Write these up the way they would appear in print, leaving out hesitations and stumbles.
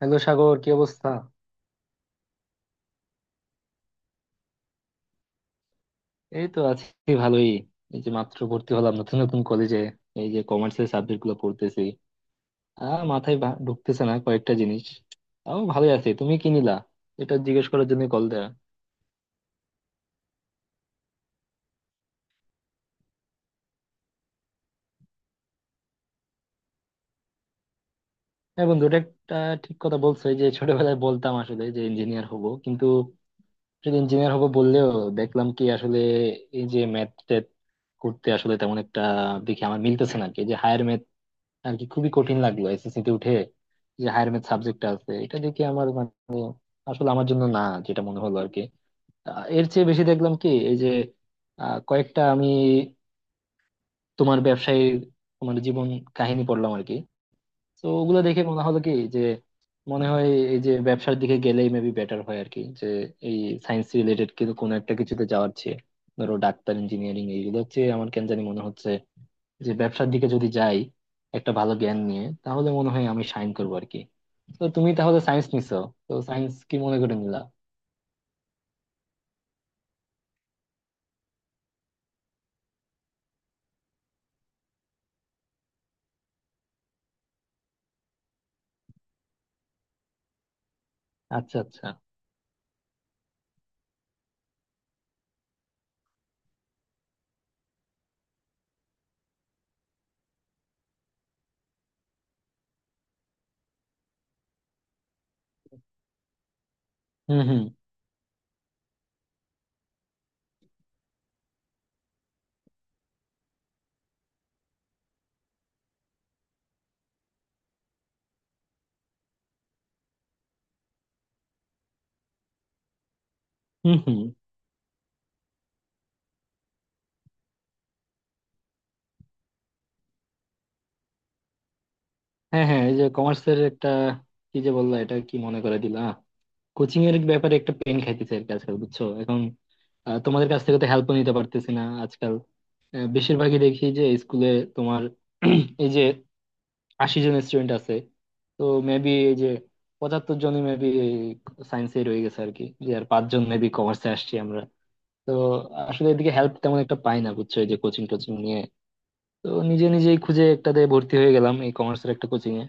Hello Sagar কি অবস্থা এই তো আছি ভালোই। এই যে মাত্র ভর্তি হলাম নতুন নতুন কলেজে, এই যে কমার্সের সাবজেক্ট গুলো পড়তেছি আর মাথায় ঢুকতেছে না কয়েকটা জিনিস। তাও ভালোই আছি, তুমি কি নিলা এটা জিজ্ঞেস করার জন্য কল দেয়া। হ্যাঁ বন্ধু এটা একটা ঠিক কথা বলছো, এই যে ছোটবেলায় বলতাম আসলে যে ইঞ্জিনিয়ার হব কিন্তু, যদি ইঞ্জিনিয়ার হব বললেও দেখলাম কি আসলে এই যে ম্যাথ ট্যাথ করতে আসলে তেমন একটা দেখি আমার মিলতেছে না আর কি, যে হায়ার আর কি খুবই কঠিন লাগলো এসএসসি তে উঠে যে হায়ার ম্যাথ সাবজেক্টটা আছে, এটা দেখে আমার মানে আসলে আমার জন্য না যেটা মনে হলো আর কি। এর চেয়ে বেশি দেখলাম কি এই যে কয়েকটা আমি তোমার ব্যবসায়ীর তোমার জীবন কাহিনী পড়লাম আর কি। তো ওগুলো দেখে মনে হলো কি যে মনে হয় এই যে ব্যবসার দিকে গেলেই মেবি বেটার হয় আর কি, যে এই সায়েন্স রিলেটেড কিন্তু কোনো একটা কিছুতে যাওয়ার চেয়ে ধরো ডাক্তার ইঞ্জিনিয়ারিং এইগুলো হচ্ছে, আমার কেন জানি মনে হচ্ছে যে ব্যবসার দিকে যদি যাই একটা ভালো জ্ঞান নিয়ে তাহলে মনে হয় আমি সাইন করবো আর কি। তো তুমি তাহলে সায়েন্স নিছো, তো সায়েন্স কি মনে করে নিলা। আচ্ছা আচ্ছা। হুম হুম। হুম হুম। হ্যাঁ হ্যাঁ এই যে কমার্সের একটা কি যে বললা, এটা কি মনে করে দিলা। কোচিং এর ব্যাপারে একটা পেন খাইতেছে আর কি আজকাল, বুঝছো এখন। তোমাদের কাছ থেকে তো হেল্প নিতে পারতেছি না আজকাল। বেশিরভাগই দেখি যে স্কুলে তোমার এই যে 80 জন স্টুডেন্ট আছে, তো মেবি এই যে 75 জনই মেবি সায়েন্সে রয়ে গেছে আর কি, যে আর পাঁচজন মেবি কমার্সে আসছি আমরা। তো আসলে এদিকে হেল্প তেমন একটা পাই না বুঝছো, এই যে কোচিং টোচিং নিয়ে। তো নিজে নিজেই খুঁজে একটাতে ভর্তি হয়ে গেলাম এই কমার্সের একটা কোচিং এ,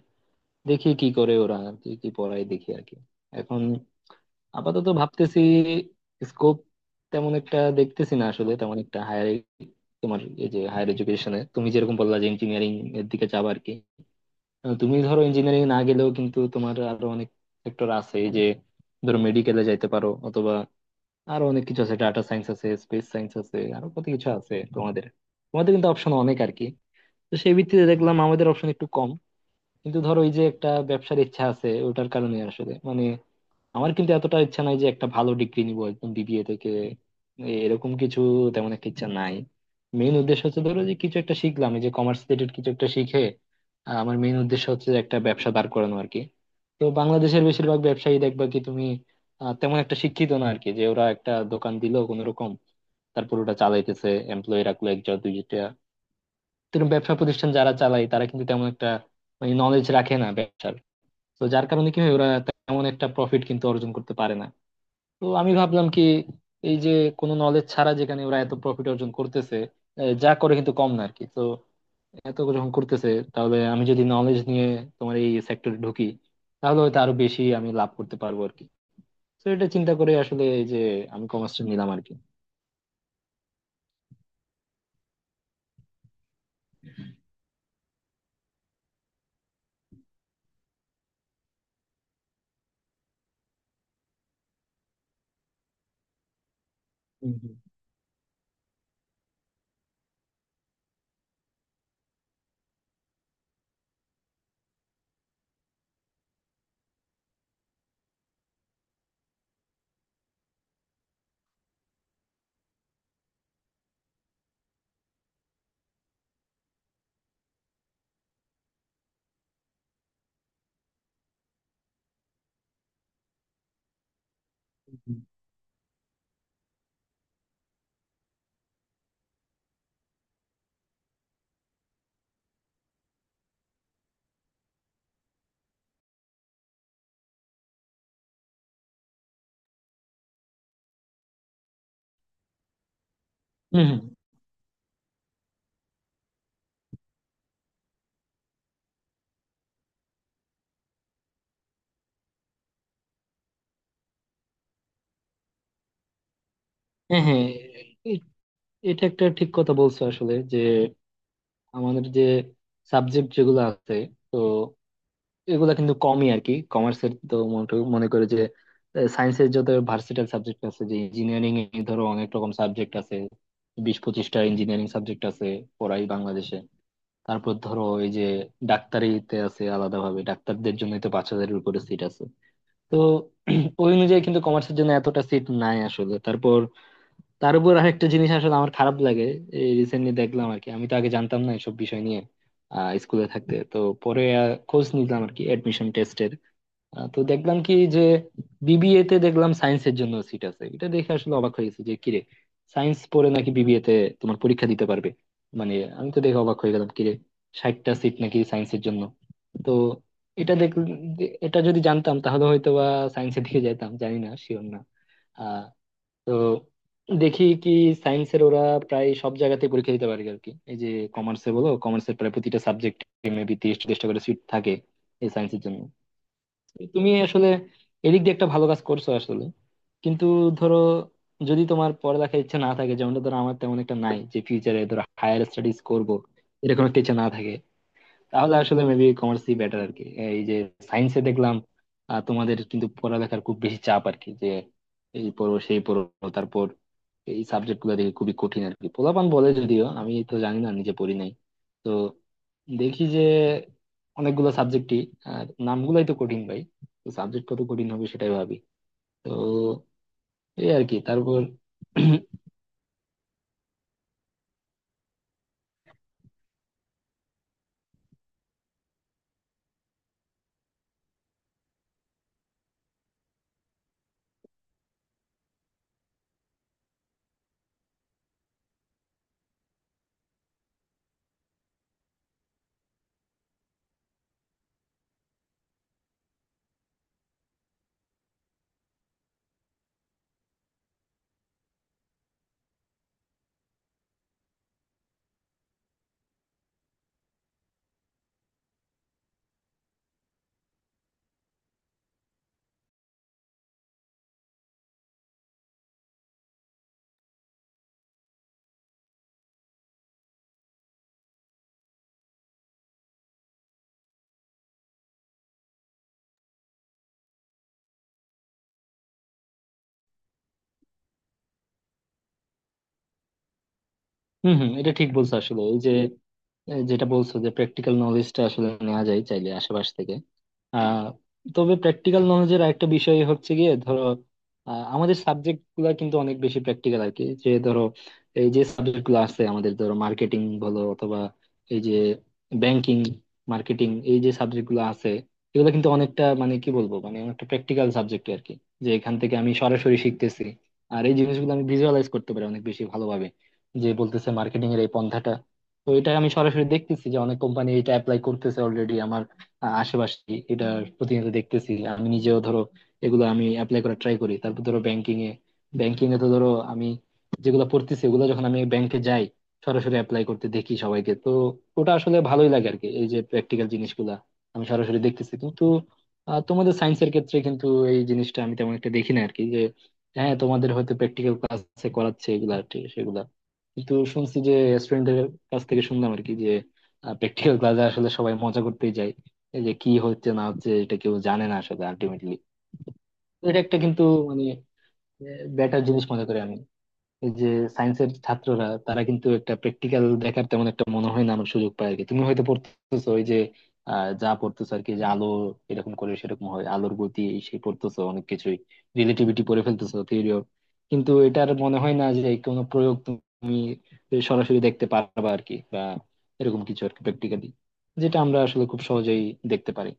দেখি কি করে ওরা আর কি কি পড়ায় দেখি আর কি এখন। আপাতত ভাবতেছি স্কোপ তেমন একটা দেখতেছি না আসলে, তেমন একটা হায়ার তোমার এই যে হায়ার এডুকেশনে তুমি যেরকম বললা যে ইঞ্জিনিয়ারিং এর দিকে যাবা আর কি। তুমি ধরো ইঞ্জিনিয়ারিং না গেলেও কিন্তু তোমার আরো অনেক সেক্টর আছে এই যে, ধরো মেডিকেলে যাইতে পারো অথবা আরো অনেক কিছু আছে, ডাটা সায়েন্স আছে স্পেস সায়েন্স আছে আরো কত কিছু আছে তোমাদের। তোমাদের কিন্তু অপশন অনেক আর কি। তো সেই ভিত্তিতে দেখলাম আমাদের অপশন একটু কম, কিন্তু ধরো এই যে একটা ব্যবসার ইচ্ছা আছে ওটার কারণে আসলে মানে আমার কিন্তু এতটা ইচ্ছা নাই যে একটা ভালো ডিগ্রি নিব একদম বিবিএ থেকে এরকম কিছু তেমন একটা ইচ্ছা নাই। মেইন উদ্দেশ্য হচ্ছে ধরো যে কিছু একটা শিখলাম, এই যে কমার্স রিলেটেড কিছু একটা শিখে আমার মেইন উদ্দেশ্য হচ্ছে যে একটা ব্যবসা দাঁড় করানো আর কি। তো বাংলাদেশের বেশিরভাগ ব্যবসায়ী দেখবা কি তুমি তেমন একটা শিক্ষিত না আর কি, যে ওরা একটা দোকান দিল কোনো রকম, তারপর ওটা চালাইতেছে, এমপ্লয়ি রাখলো একজন দুইটা। তো এরকম ব্যবসা প্রতিষ্ঠান যারা চালায় তারা কিন্তু তেমন একটা মানে নলেজ রাখে না ব্যবসার, তো যার কারণে কি হয় ওরা তেমন একটা প্রফিট কিন্তু অর্জন করতে পারে না। তো আমি ভাবলাম কি এই যে কোনো নলেজ ছাড়া যেখানে ওরা এত প্রফিট অর্জন করতেছে, যা করে কিন্তু কম না আর কি, তো এত যখন করতেছে তাহলে আমি যদি নলেজ নিয়ে তোমার এই সেক্টরে ঢুকি তাহলে হয়তো আরো বেশি আমি লাভ করতে পারবো আর কি। তো এটা চিন্তা করে আসলে এই যে আমি কমার্সটা নিলাম আর কি। হুম, হুম, হুম। হম হম। হ্যাঁ হ্যাঁ এ- এটা একটা ঠিক কথা বলছো আসলে, যে আমাদের যে সাবজেক্ট যেগুলো আছে, তো এগুলা কিন্তু কমই আর কি কমার্সের তো মনে মনে করে যে সায়েন্সের যত ভার্সেটাইল সাবজেক্ট আছে, যে ইঞ্জিনিয়ারিং এ ধরো অনেক রকম সাবজেক্ট আছে, 20-25টা ইঞ্জিনিয়ারিং সাবজেক্ট আছে পড়াই বাংলাদেশে। তারপর ধরো এই যে ডাক্তারিতে আছে আলাদাভাবে, ডাক্তারদের জন্য তো 5,000-এর উপরে সিট আছে। তো ওই অনুযায়ী কিন্তু কমার্সের জন্য এতটা সিট নাই আসলে, তারপর তার উপর আরেকটা জিনিস আসলে আমার খারাপ লাগে, এই রিসেন্টলি দেখলাম আর কি, আমি তো আগে জানতাম না এসব বিষয় নিয়ে আহ স্কুলে থাকতে তো, পরে খোঁজ নিলাম আর কি অ্যাডমিশন তো দেখলাম কি যে বিবিএ তে দেখলাম সায়েন্সের জন্য সিট আছে, এটা দেখে আসলে অবাক হয়ে গেছি যে কিরে সায়েন্স পড়ে নাকি বিবিএ তে তোমার পরীক্ষা দিতে পারবে, মানে আমি তো দেখে অবাক হয়ে গেলাম কিরে 60টা সিট নাকি সায়েন্সের জন্য। তো এটা দেখ এটা যদি জানতাম তাহলে হয়তো বা সায়েন্সের দিকে যেতাম, জানি না শিওর না। আহ তো দেখি কি সায়েন্সের ওরা প্রায় সব জায়গাতে পরীক্ষা দিতে পারে আর কি, এই যে কমার্সে বলো কমার্সের প্রায় প্রতিটা সাবজেক্ট মেবি 30-40টা করে সিট থাকে এই সায়েন্সের জন্য। তুমি আসলে এদিক দিয়ে একটা ভালো কাজ করছো আসলে, কিন্তু ধরো যদি তোমার পড়ালেখার ইচ্ছা না থাকে যেমনটা ধরো আমার তেমন একটা নাই, যে ফিউচারে ধরো হায়ার স্টাডিজ করব এরকম একটা ইচ্ছা না থাকে, তাহলে আসলে মেবি কমার্সই বেটার আর কি। এই যে সায়েন্সে দেখলাম তোমাদের কিন্তু পড়ালেখার খুব বেশি চাপ আর কি, যে এই পড়ো সেই পড়ো, তারপর এই সাবজেক্ট গুলো দেখি খুবই কঠিন আর কি, পোলাপান বলে যদিও আমি তো জানি না নিজে পড়ি নাই। তো দেখি যে অনেকগুলো সাবজেক্টই আর নামগুলাই তো কঠিন ভাই, তো সাবজেক্ট কত কঠিন হবে সেটাই ভাবি। তো এই আর কি, তারপর হম হম এটা ঠিক বলছো আসলে, এই যে যেটা বলছো যে প্র্যাকটিক্যাল নলেজটা আসলে নেওয়া যায় চাইলে আশেপাশ থেকে আহ, তবে প্র্যাকটিক্যাল নলেজের আরেকটা বিষয় হচ্ছে গিয়ে ধরো আমাদের সাবজেক্ট গুলা কিন্তু অনেক বেশি প্র্যাকটিক্যাল আর কি, যে ধরো এই যে সাবজেক্ট গুলো আছে আমাদের ধরো মার্কেটিং বলো অথবা এই যে ব্যাংকিং মার্কেটিং এই যে সাবজেক্ট গুলো আছে, এগুলো কিন্তু অনেকটা মানে কি বলবো মানে অনেকটা প্র্যাকটিক্যাল সাবজেক্ট আর কি, যে এখান থেকে আমি সরাসরি শিখতেছি। আর এই জিনিসগুলো আমি ভিজুয়ালাইজ করতে পারি অনেক বেশি ভালোভাবে, যে বলতেছে মার্কেটিং এর এই পন্থাটা, তো এটা আমি সরাসরি দেখতেছি যে অনেক কোম্পানি এটা অ্যাপ্লাই করতেছে অলরেডি আশেপাশে এটা প্রতিনিয়ত দেখতেছি আমি নিজেও ধরো এগুলো আমি অ্যাপ্লাই করার ট্রাই করি। তারপর ধরো ব্যাংকিং এ, ব্যাংকিং এ তো ধরো আমি যেগুলো পড়তেছি ওগুলো যখন আমি ব্যাংকে যাই, সরাসরি অ্যাপ্লাই করতে দেখি সবাইকে। তো ওটা আসলে ভালোই লাগে আর কি এই যে প্র্যাকটিক্যাল জিনিসগুলা আমি সরাসরি দেখতেছি, কিন্তু তোমাদের সায়েন্সের ক্ষেত্রে কিন্তু এই জিনিসটা আমি তেমন একটা দেখি না আর কি, যে হ্যাঁ তোমাদের হয়তো প্র্যাকটিক্যাল ক্লাসে করাচ্ছে এগুলা আর কি, সেগুলা কিন্তু শুনছি যে স্টুডেন্টদের কাছ থেকে শুনলাম আর কি, যে প্র্যাকটিক্যাল ক্লাসে আসলে সবাই মজা করতেই যায়, এই যে কি হচ্ছে না হচ্ছে এটা কেউ জানে না আসলে আলটিমেটলি। এটা একটা কিন্তু মানে বেটার জিনিস মনে করি আমি, এই যে সায়েন্সের ছাত্ররা তারা কিন্তু একটা প্র্যাকটিক্যাল দেখার তেমন একটা মনে হয় না আমার সুযোগ পায় আর কি। তুমি হয়তো পড়তেছো ওই যে যা পড়তেছো আর কি, যে আলো এরকম করে সেরকম হয় আলোর গতি এই সেই পড়তেছো অনেক কিছুই রিলেটিভিটি পড়ে ফেলতেছো থিওরি, কিন্তু এটার মনে হয় না যে কোনো প্রয়োগ তুমি সরাসরি দেখতে পারবা আর কি, বা এরকম কিছু আর কি প্র্যাকটিক্যালি, যেটা আমরা আসলে খুব সহজেই দেখতে পারি।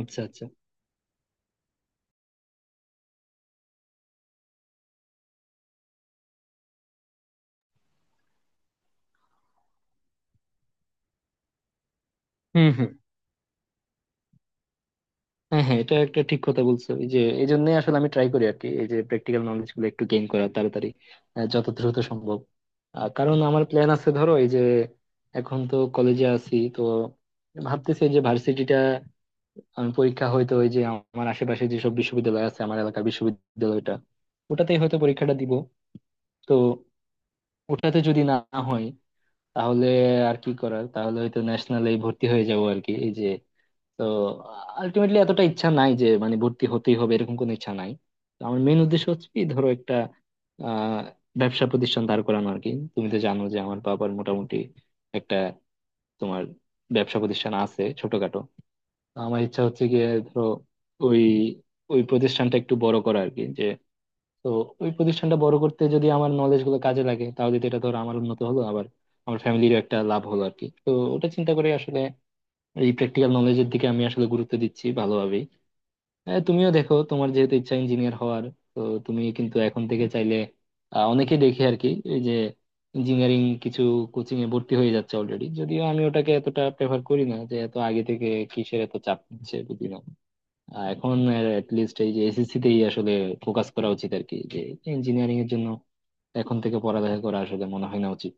আচ্ছা আচ্ছা। হম হম। হ্যাঁ হ্যাঁ এটা একটা ঠিক কথা বলছো, এই যে এই জন্য আসলে আমি ট্রাই করি আর কি, এই যে প্র্যাকটিক্যাল নলেজ গুলো একটু গেইন করা তাড়াতাড়ি যত দ্রুত সম্ভব। কারণ আমার প্ল্যান আছে, ধরো এই যে এখন তো কলেজে আছি, তো ভাবতেছি এই যে ভার্সিটিটা আমি পরীক্ষা হয়তো ওই যে আমার আশেপাশে যেসব বিশ্ববিদ্যালয় আছে, আমার এলাকার বিশ্ববিদ্যালয়টা ওটাতেই হয়তো পরীক্ষাটা দিব। তো ওটাতে যদি না হয় তাহলে আর কি করার, তাহলে হয়তো ন্যাশনালে ভর্তি হয়ে যাবো আর কি এই যে। তো আলটিমেটলি এতটা ইচ্ছা নাই যে মানে ভর্তি হতেই হবে এরকম কোনো ইচ্ছা নাই। তো আমার মেন উদ্দেশ্য হচ্ছে কি ধরো একটা আহ, ব্যবসা প্রতিষ্ঠান দাঁড় করানো আর কি। তুমি তো জানো যে আমার বাবার মোটামুটি একটা তোমার ব্যবসা প্রতিষ্ঠান আছে ছোটখাটো। তো আমার ইচ্ছা হচ্ছে গিয়ে ধরো ওই ওই প্রতিষ্ঠানটা একটু বড় করা আর কি। যে তো ওই প্রতিষ্ঠানটা বড় করতে যদি আমার নলেজ গুলো কাজে লাগে তাহলে তো এটা ধরো আমার উন্নত হলো, আবার আমার ফ্যামিলিরও একটা লাভ হলো আর কি। তো ওটা চিন্তা করে আসলে এই প্র্যাকটিক্যাল নলেজের দিকে আমি আসলে গুরুত্ব দিচ্ছি ভালোভাবেই। হ্যাঁ তুমিও দেখো তোমার যেহেতু ইচ্ছা ইঞ্জিনিয়ার হওয়ার, তো তুমি কিন্তু এখন থেকে চাইলে অনেকেই দেখি আর কি এই যে ইঞ্জিনিয়ারিং কিছু কোচিং এ ভর্তি হয়ে যাচ্ছে অলরেডি, যদিও আমি ওটাকে এতটা প্রেফার করি না যে এত আগে থেকে কিসের এত চাপ নিচ্ছে বুঝি না। এখন লিস্ট এই যে এসএসসি তেই আসলে ফোকাস করা উচিত আর কি, যে ইঞ্জিনিয়ারিং এর জন্য এখন থেকে পড়ালেখা করা আসলে মনে হয় না উচিত।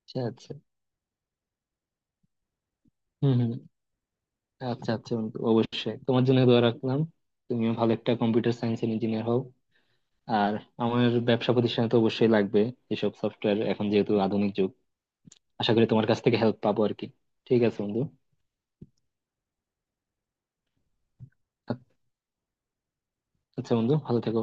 আচ্ছা আচ্ছা। হম হম। আচ্ছা আচ্ছা বন্ধু, অবশ্যই তোমার জন্য দোয়া রাখলাম। তুমিও ভালো একটা কম্পিউটার সায়েন্স ইঞ্জিনিয়ার হও। আর আমার ব্যবসা প্রতিষ্ঠানে তো অবশ্যই লাগবে এসব সফটওয়্যার, এখন যেহেতু আধুনিক যুগ। আশা করি তোমার কাছ থেকে হেল্প পাবো আর কি। ঠিক আছে বন্ধু। আচ্ছা বন্ধু ভালো থেকো।